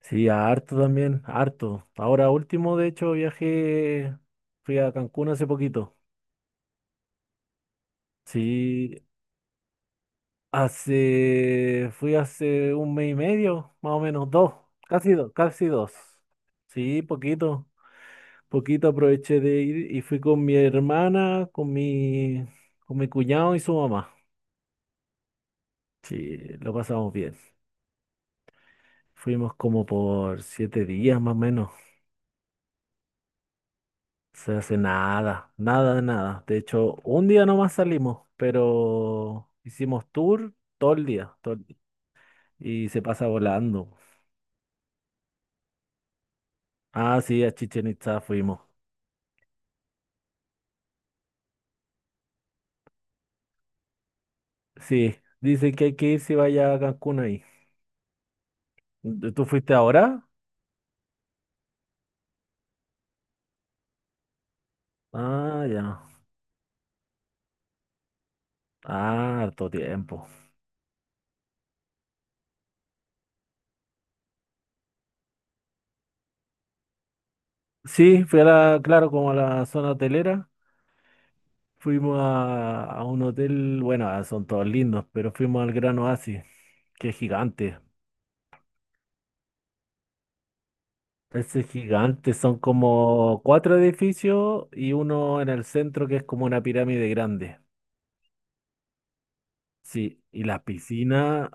Sí, harto también, harto. Ahora último, de hecho, viajé, fui a Cancún hace poquito. Sí, fui hace un mes y medio, más o menos, dos, casi dos. Sí, poquito, poquito aproveché de ir y fui con mi hermana, con mi cuñado y su mamá. Sí, lo pasamos bien. Fuimos como por 7 días más o menos. Se hace nada, nada de nada. De hecho, un día nomás salimos, pero hicimos tour todo el día, todo el día. Y se pasa volando. Ah, sí, a Chichen Itza fuimos. Sí, dicen que hay que ir si vaya a Cancún ahí. ¿Tú fuiste ahora? Ah, ya. Ah, harto tiempo. Sí, fui a la, claro, como a la zona hotelera. Fuimos a un hotel, bueno, ah, son todos lindos, pero fuimos al Gran Oasis, que es gigante. Ese es gigante, son como cuatro edificios y uno en el centro que es como una pirámide grande. Sí, y las piscinas,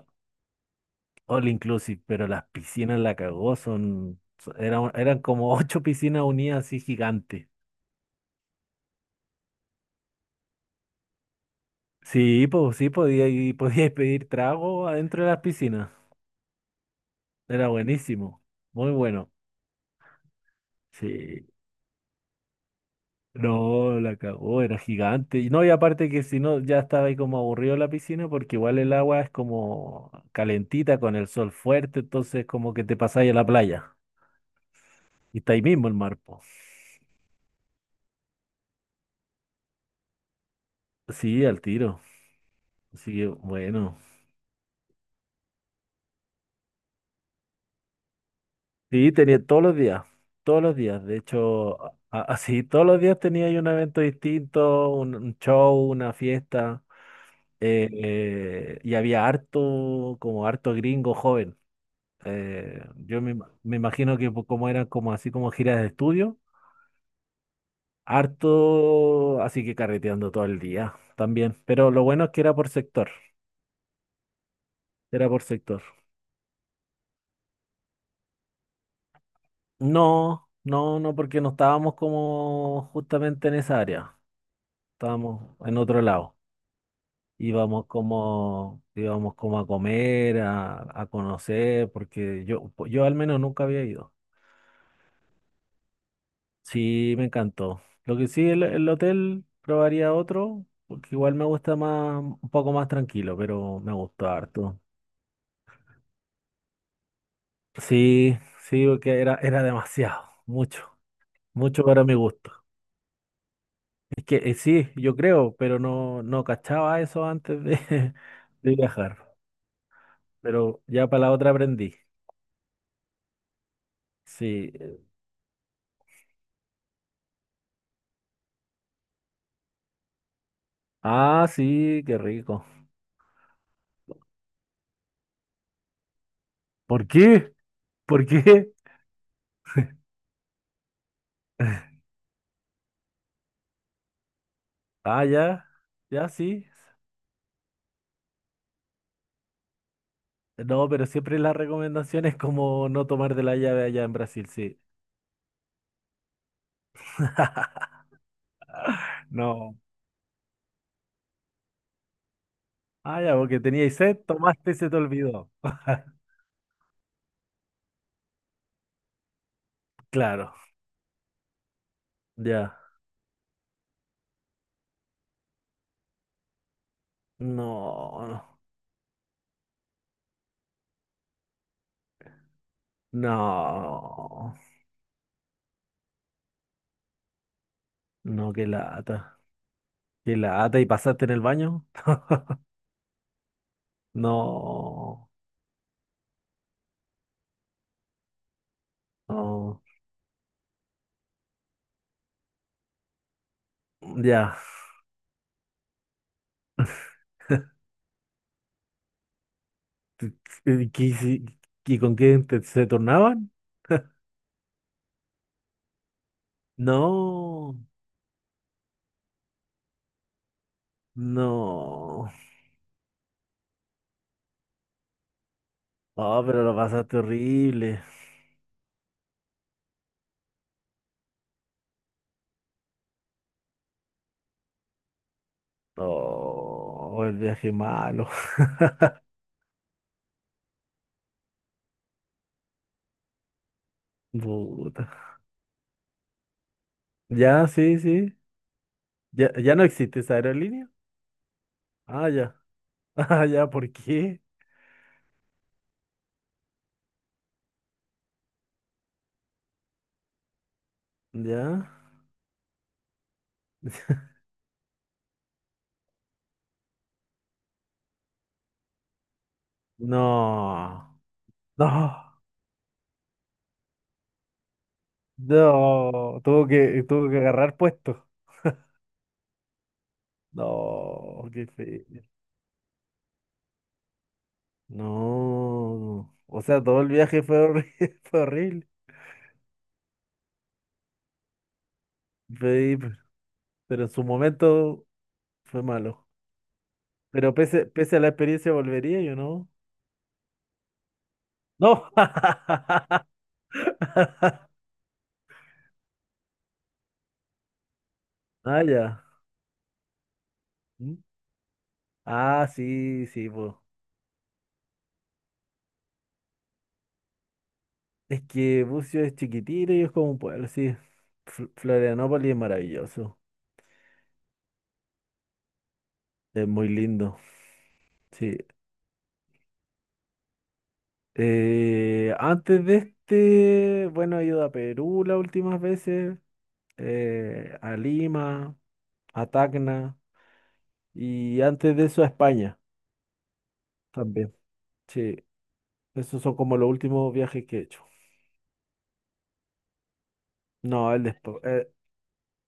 all inclusive, pero las piscinas la cagó, eran como ocho piscinas unidas así gigantes. Sí, pues sí, podía, y podía pedir trago adentro de las piscinas. Era buenísimo, muy bueno. Sí. No, la cagó, era gigante. Y no, y aparte que si no, ya estaba ahí como aburrido la piscina, porque igual el agua es como calentita con el sol fuerte, entonces como que te pasáis a la playa. Y está ahí mismo el mar, po. Sí, al tiro. Así que bueno. Sí, tenía todos los días, todos los días. De hecho, así, todos los días tenía ahí un evento distinto, un show, una fiesta. Y había harto, como harto gringo joven. Yo me imagino que como eran como así como giras de estudio, harto, así que carreteando todo el día también. Pero lo bueno es que era por sector, era por sector. No, no, no, porque no estábamos como justamente en esa área, estábamos en otro lado. Íbamos como a comer, a conocer, porque yo, al menos nunca había ido. Sí, me encantó. Lo que sí, el hotel probaría otro, porque igual me gusta más, un poco más tranquilo, pero me gustó harto. Sí, sí, porque era demasiado, mucho, mucho para mi gusto. Es que sí, yo creo, pero no, no cachaba eso antes de, de viajar. Pero ya para la otra aprendí. Sí. Ah, sí, qué rico. ¿Por qué? ¿Por qué? Ah, ya, ya sí. No, pero siempre la recomendación es como no tomar de la llave allá en Brasil, sí. No. Ah, ya, porque teníais sed, tomaste y se te olvidó. Claro, ya. No, no, no, qué lata. Qué lata y pasaste en el baño. No, no, ya. ¿Y, qué hici- y con quién se tornaban? No, no. Oh, pero lo pasaste horrible. Oh, el viaje malo. Puta. Ya, sí, sí. Ya, ya no existe esa aerolínea. Ah, ya. Ah, ya, ¿por qué? Ya. No. No. No. Tuvo que agarrar puesto. No, qué feo. No. O sea, todo el viaje fue horrible. Fue horrible. Fue- pero en su momento fue malo. Pero pese a la experiencia, volvería yo, ¿no? No. Ah, ya. ¿Mm? Ah, sí, sí, pues. Es que Bucio es chiquitito y es como un pueblo, sí. Florianópolis es maravilloso. Es muy lindo, sí. Antes de este, bueno, he ido a Perú las últimas veces, a Lima, a Tacna y antes de eso a España también. Sí, esos son como los últimos viajes que he hecho. No,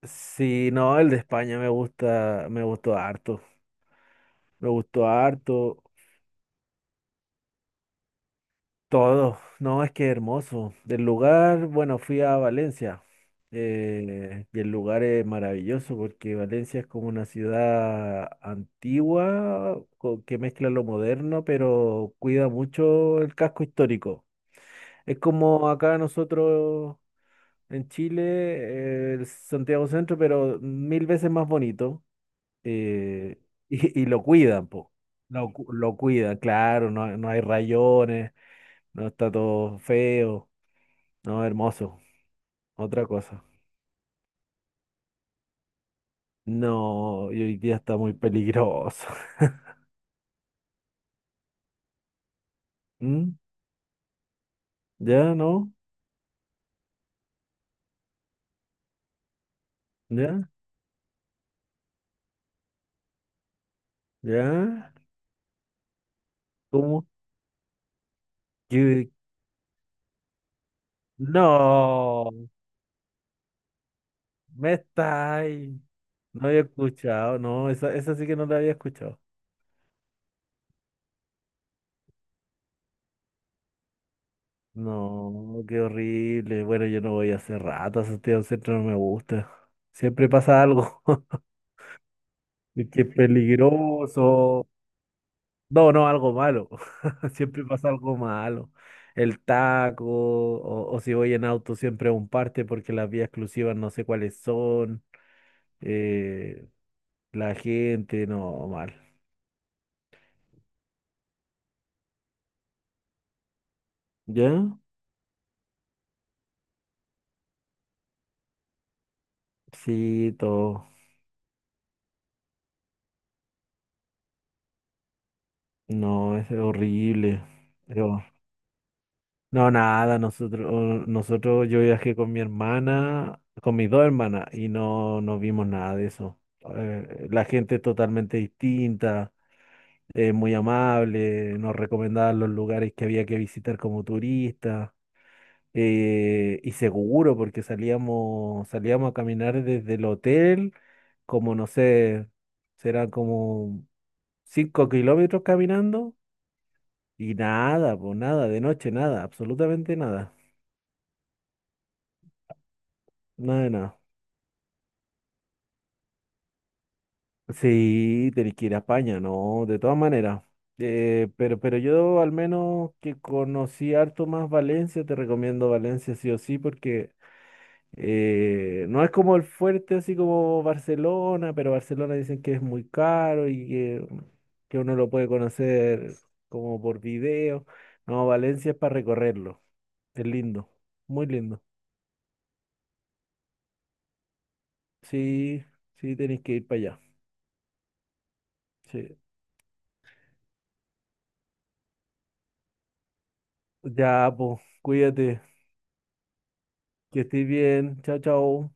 sí, no, el de España me gusta, me gustó harto. Me gustó harto. Todo, no, es que hermoso. Del lugar, bueno, fui a Valencia y el lugar es maravilloso porque Valencia es como una ciudad antigua que mezcla lo moderno, pero cuida mucho el casco histórico. Es como acá nosotros en Chile, el Santiago Centro, pero mil veces más bonito eh, y lo cuidan, po. Lo cuidan, claro, no, no hay rayones. No está todo feo, no hermoso, otra cosa. No, y hoy día está muy peligroso. ¿Mm? ¿Ya no? ¿Ya? ¿Ya? ¿Cómo? ¿Qué? No, me está ahí. No había escuchado, no, esa sí que no la había escuchado. No, qué horrible. Bueno, yo no voy hace rato a Santiago Centro, no me gusta. Siempre pasa algo. Y qué peligroso. No, no, algo malo. Siempre pasa algo malo. El taco, o si voy en auto, siempre a un parte porque las vías exclusivas no sé cuáles son. eh, la gente, no, mal. ¿Ya? Sí, todo. No, es horrible. Pero, no, nada, yo viajé con mi hermana, con mis dos hermanas, y no, no vimos nada de eso. La gente es totalmente distinta. Muy amable, nos recomendaba los lugares que había que visitar como turista, y seguro porque salíamos a caminar desde el hotel, como no sé, serán como 5 kilómetros caminando, y nada, pues nada, de noche nada, absolutamente nada, nada de nada. Sí, tenés que ir a España, ¿no? De todas maneras. Pero yo al menos que conocí harto más Valencia, te recomiendo Valencia sí o sí, porque no es como el fuerte, así como Barcelona, pero Barcelona dicen que es muy caro y que, uno lo puede conocer como por video. No, Valencia es para recorrerlo. Es lindo, muy lindo. Sí, sí, tenéis que ir para allá. Sí. Ya, pues, cuídate, que estés bien. Chao, chao.